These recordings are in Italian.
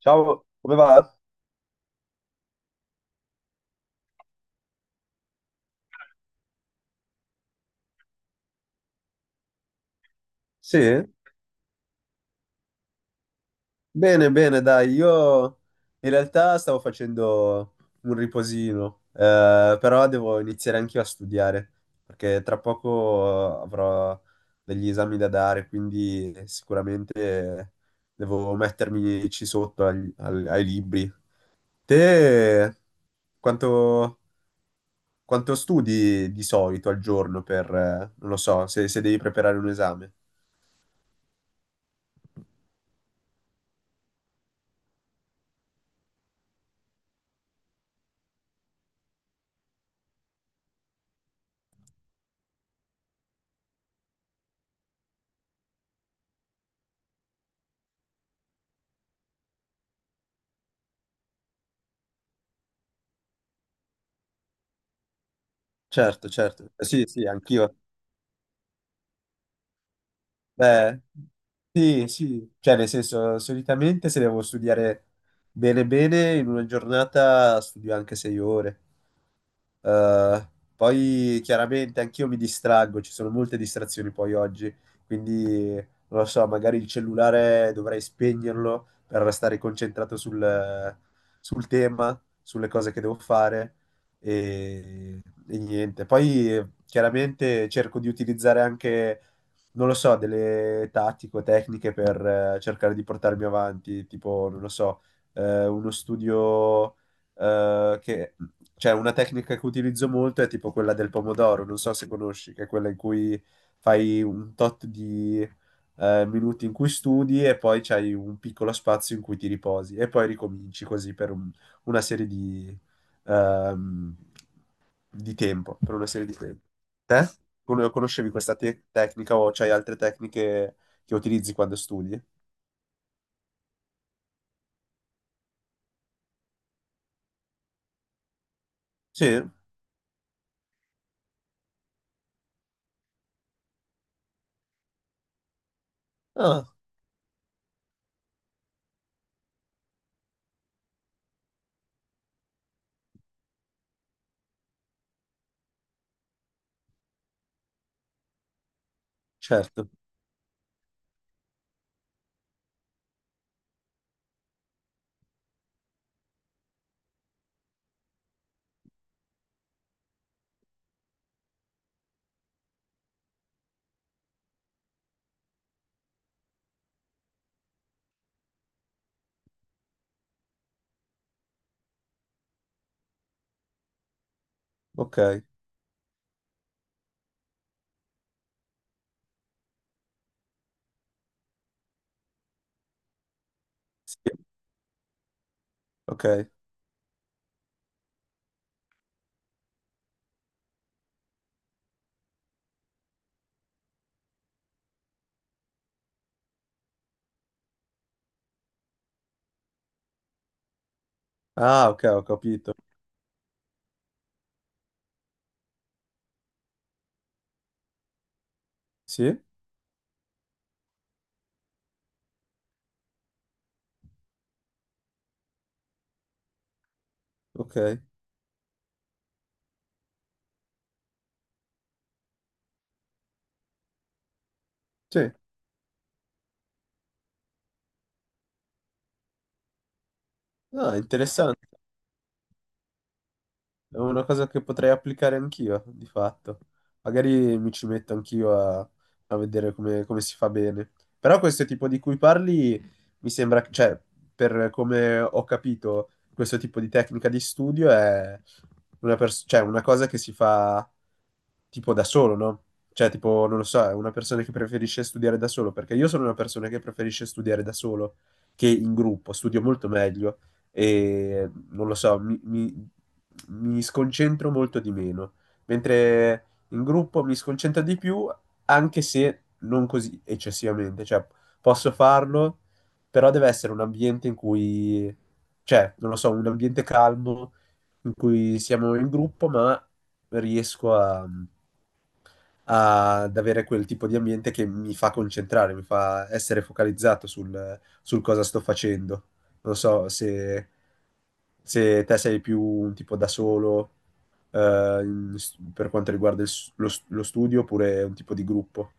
Ciao, come va? Sì? Bene, bene, dai, io in realtà stavo facendo un riposino, però devo iniziare anch'io a studiare, perché tra poco avrò degli esami da dare, quindi sicuramente devo mettermi ci sotto ai libri. Te quanto, quanto studi di solito al giorno per, non lo so, se devi preparare un esame? Certo, certo. Sì, sì, anch'io. Beh, sì, sì, cioè nel senso, solitamente se devo studiare bene bene, in una giornata studio anche 6 ore. Eh, Poi chiaramente anch'io mi distraggo, ci sono molte distrazioni poi oggi, quindi non lo so, magari il cellulare dovrei spegnerlo per restare concentrato sul tema, sulle cose che devo fare e, e niente. Poi chiaramente cerco di utilizzare anche, non lo so, delle tattiche o tecniche per cercare di portarmi avanti, tipo, non lo so, uno studio che cioè una tecnica che utilizzo molto è tipo quella del pomodoro, non so se conosci, che è quella in cui fai un tot di minuti in cui studi e poi c'hai un piccolo spazio in cui ti riposi e poi ricominci così per una serie ehm, di tempo, per una serie di tempo. Te? Conoscevi questa tecnica o c'hai altre tecniche che utilizzi quando studi? Sì? Ah, certo. Ok. Sì, ok. Ah, ok, ho capito. Sì? Ok. Sì. Ah, interessante. È una cosa che potrei applicare anch'io, di fatto. Magari mi ci metto anch'io a vedere come si fa bene. Però questo tipo di cui parli mi sembra, cioè, per come ho capito, questo tipo di tecnica di studio è cioè, una cosa che si fa tipo da solo, no? Cioè, tipo, non lo so, è una persona che preferisce studiare da solo, perché io sono una persona che preferisce studiare da solo che in gruppo, studio molto meglio e non lo so, mi sconcentro molto di meno, mentre in gruppo mi sconcentro di più, anche se non così eccessivamente, cioè posso farlo, però deve essere un ambiente in cui, cioè, non lo so, un ambiente calmo in cui siamo in gruppo, ma riesco a ad avere quel tipo di ambiente che mi fa concentrare, mi fa essere focalizzato sul cosa sto facendo. Non so se te sei più un tipo da solo, eh, in- per quanto riguarda lo studio, oppure un tipo di gruppo.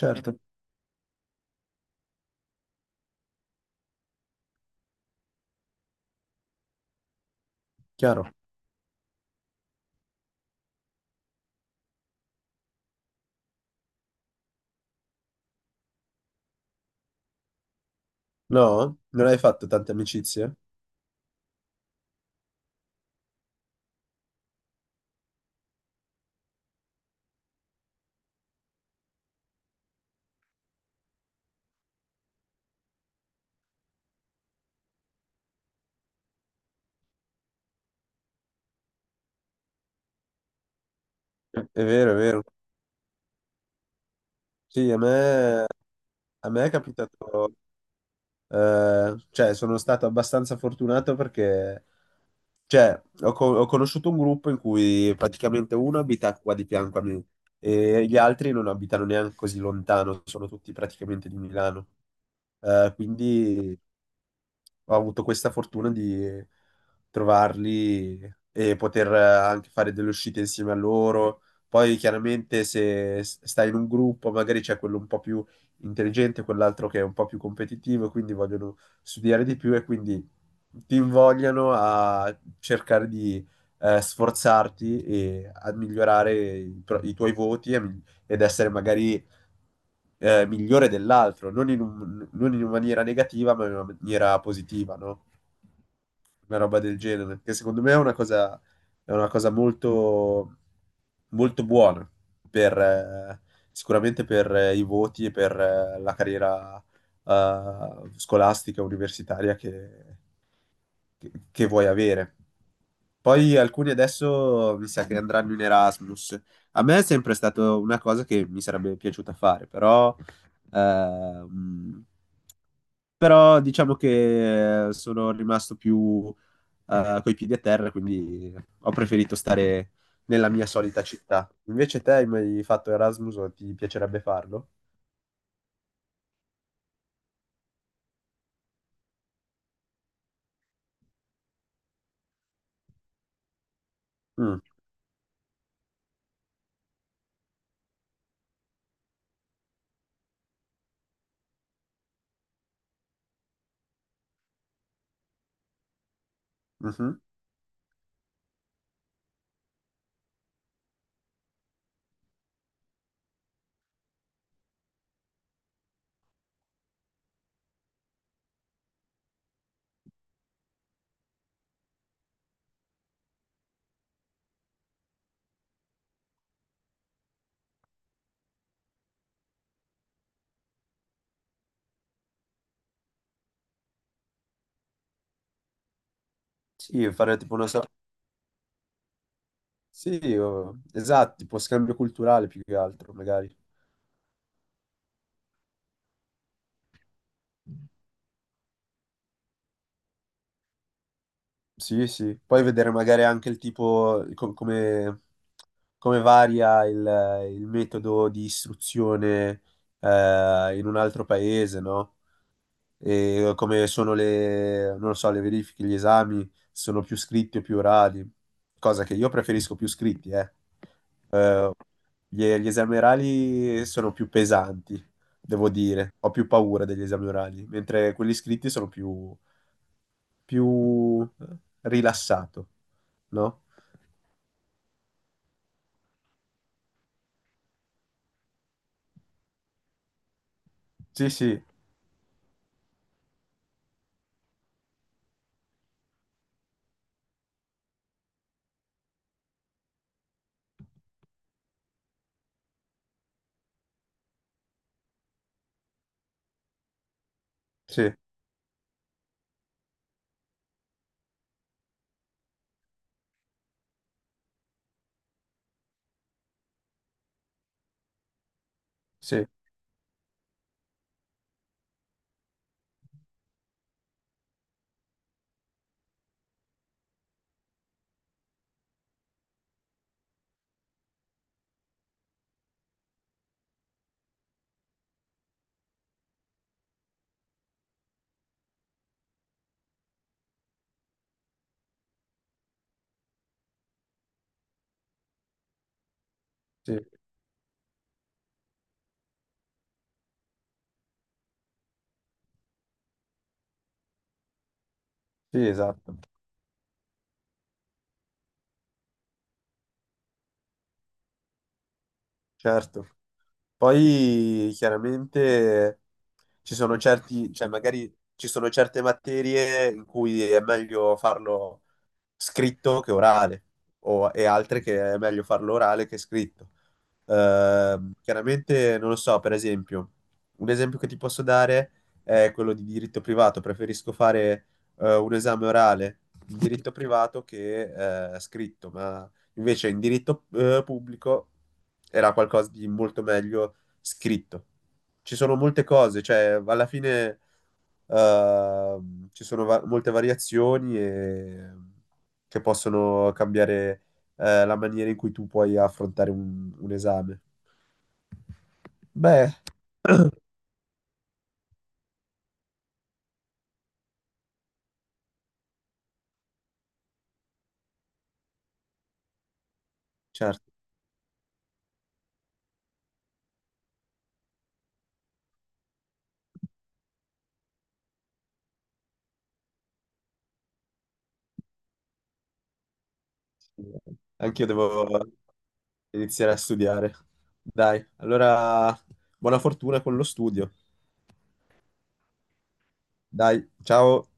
Certo, chiaro. No? Non hai fatto tante amicizie? È vero, è vero. Sì, a me è capitato, cioè sono stato abbastanza fortunato perché cioè, ho conosciuto un gruppo in cui praticamente uno abita qua di fianco a me e gli altri non abitano neanche così lontano, sono tutti praticamente di Milano. Quindi ho avuto questa fortuna di trovarli e poter anche fare delle uscite insieme a loro. Poi chiaramente se stai in un gruppo, magari c'è quello un po' più intelligente, quell'altro che è un po' più competitivo, quindi vogliono studiare di più e quindi ti invogliano a cercare di sforzarti e a migliorare i tuoi voti e ed essere magari migliore dell'altro, non in non in una maniera negativa, ma in una maniera positiva, no? Una roba del genere, che secondo me è una cosa molto, molto buona per, sicuramente per i voti e per la carriera scolastica, universitaria che vuoi avere. Poi alcuni adesso mi sa che andranno in Erasmus. A me è sempre stata una cosa che mi sarebbe piaciuta fare, però, ehm, però diciamo che sono rimasto più coi piedi a terra, quindi ho preferito stare nella mia solita città. Invece te hai mai fatto Erasmus o ti piacerebbe farlo? Mm, mhm. Sì, fare tipo una sorta sì, esatto, tipo scambio culturale più che altro, magari. Sì, sì. Poi vedere magari anche il tipo, come varia il metodo di istruzione in un altro paese, no? E come sono le, non lo so, le verifiche, gli esami, sono più scritti o più orali, cosa che io preferisco più scritti, eh. Eh, gli esami orali sono più pesanti, devo dire. Ho più paura degli esami orali, mentre quelli scritti sono più più rilassato, no? Sì, sì, sì, sì, sì, sì, esatto, certo. Poi chiaramente ci sono cioè magari ci sono certe materie in cui è meglio farlo scritto che orale, e altre che è meglio farlo orale che scritto. Chiaramente non lo so, per esempio, un esempio che ti posso dare è quello di diritto privato. Preferisco fare un esame orale in diritto privato che scritto, ma invece in diritto pubblico era qualcosa di molto meglio scritto. Ci sono molte cose, cioè alla fine ci sono molte variazioni che possono cambiare la maniera in cui tu puoi affrontare un esame. Beh, certo, anche io devo iniziare a studiare. Dai, allora buona fortuna con lo studio. Dai, ciao.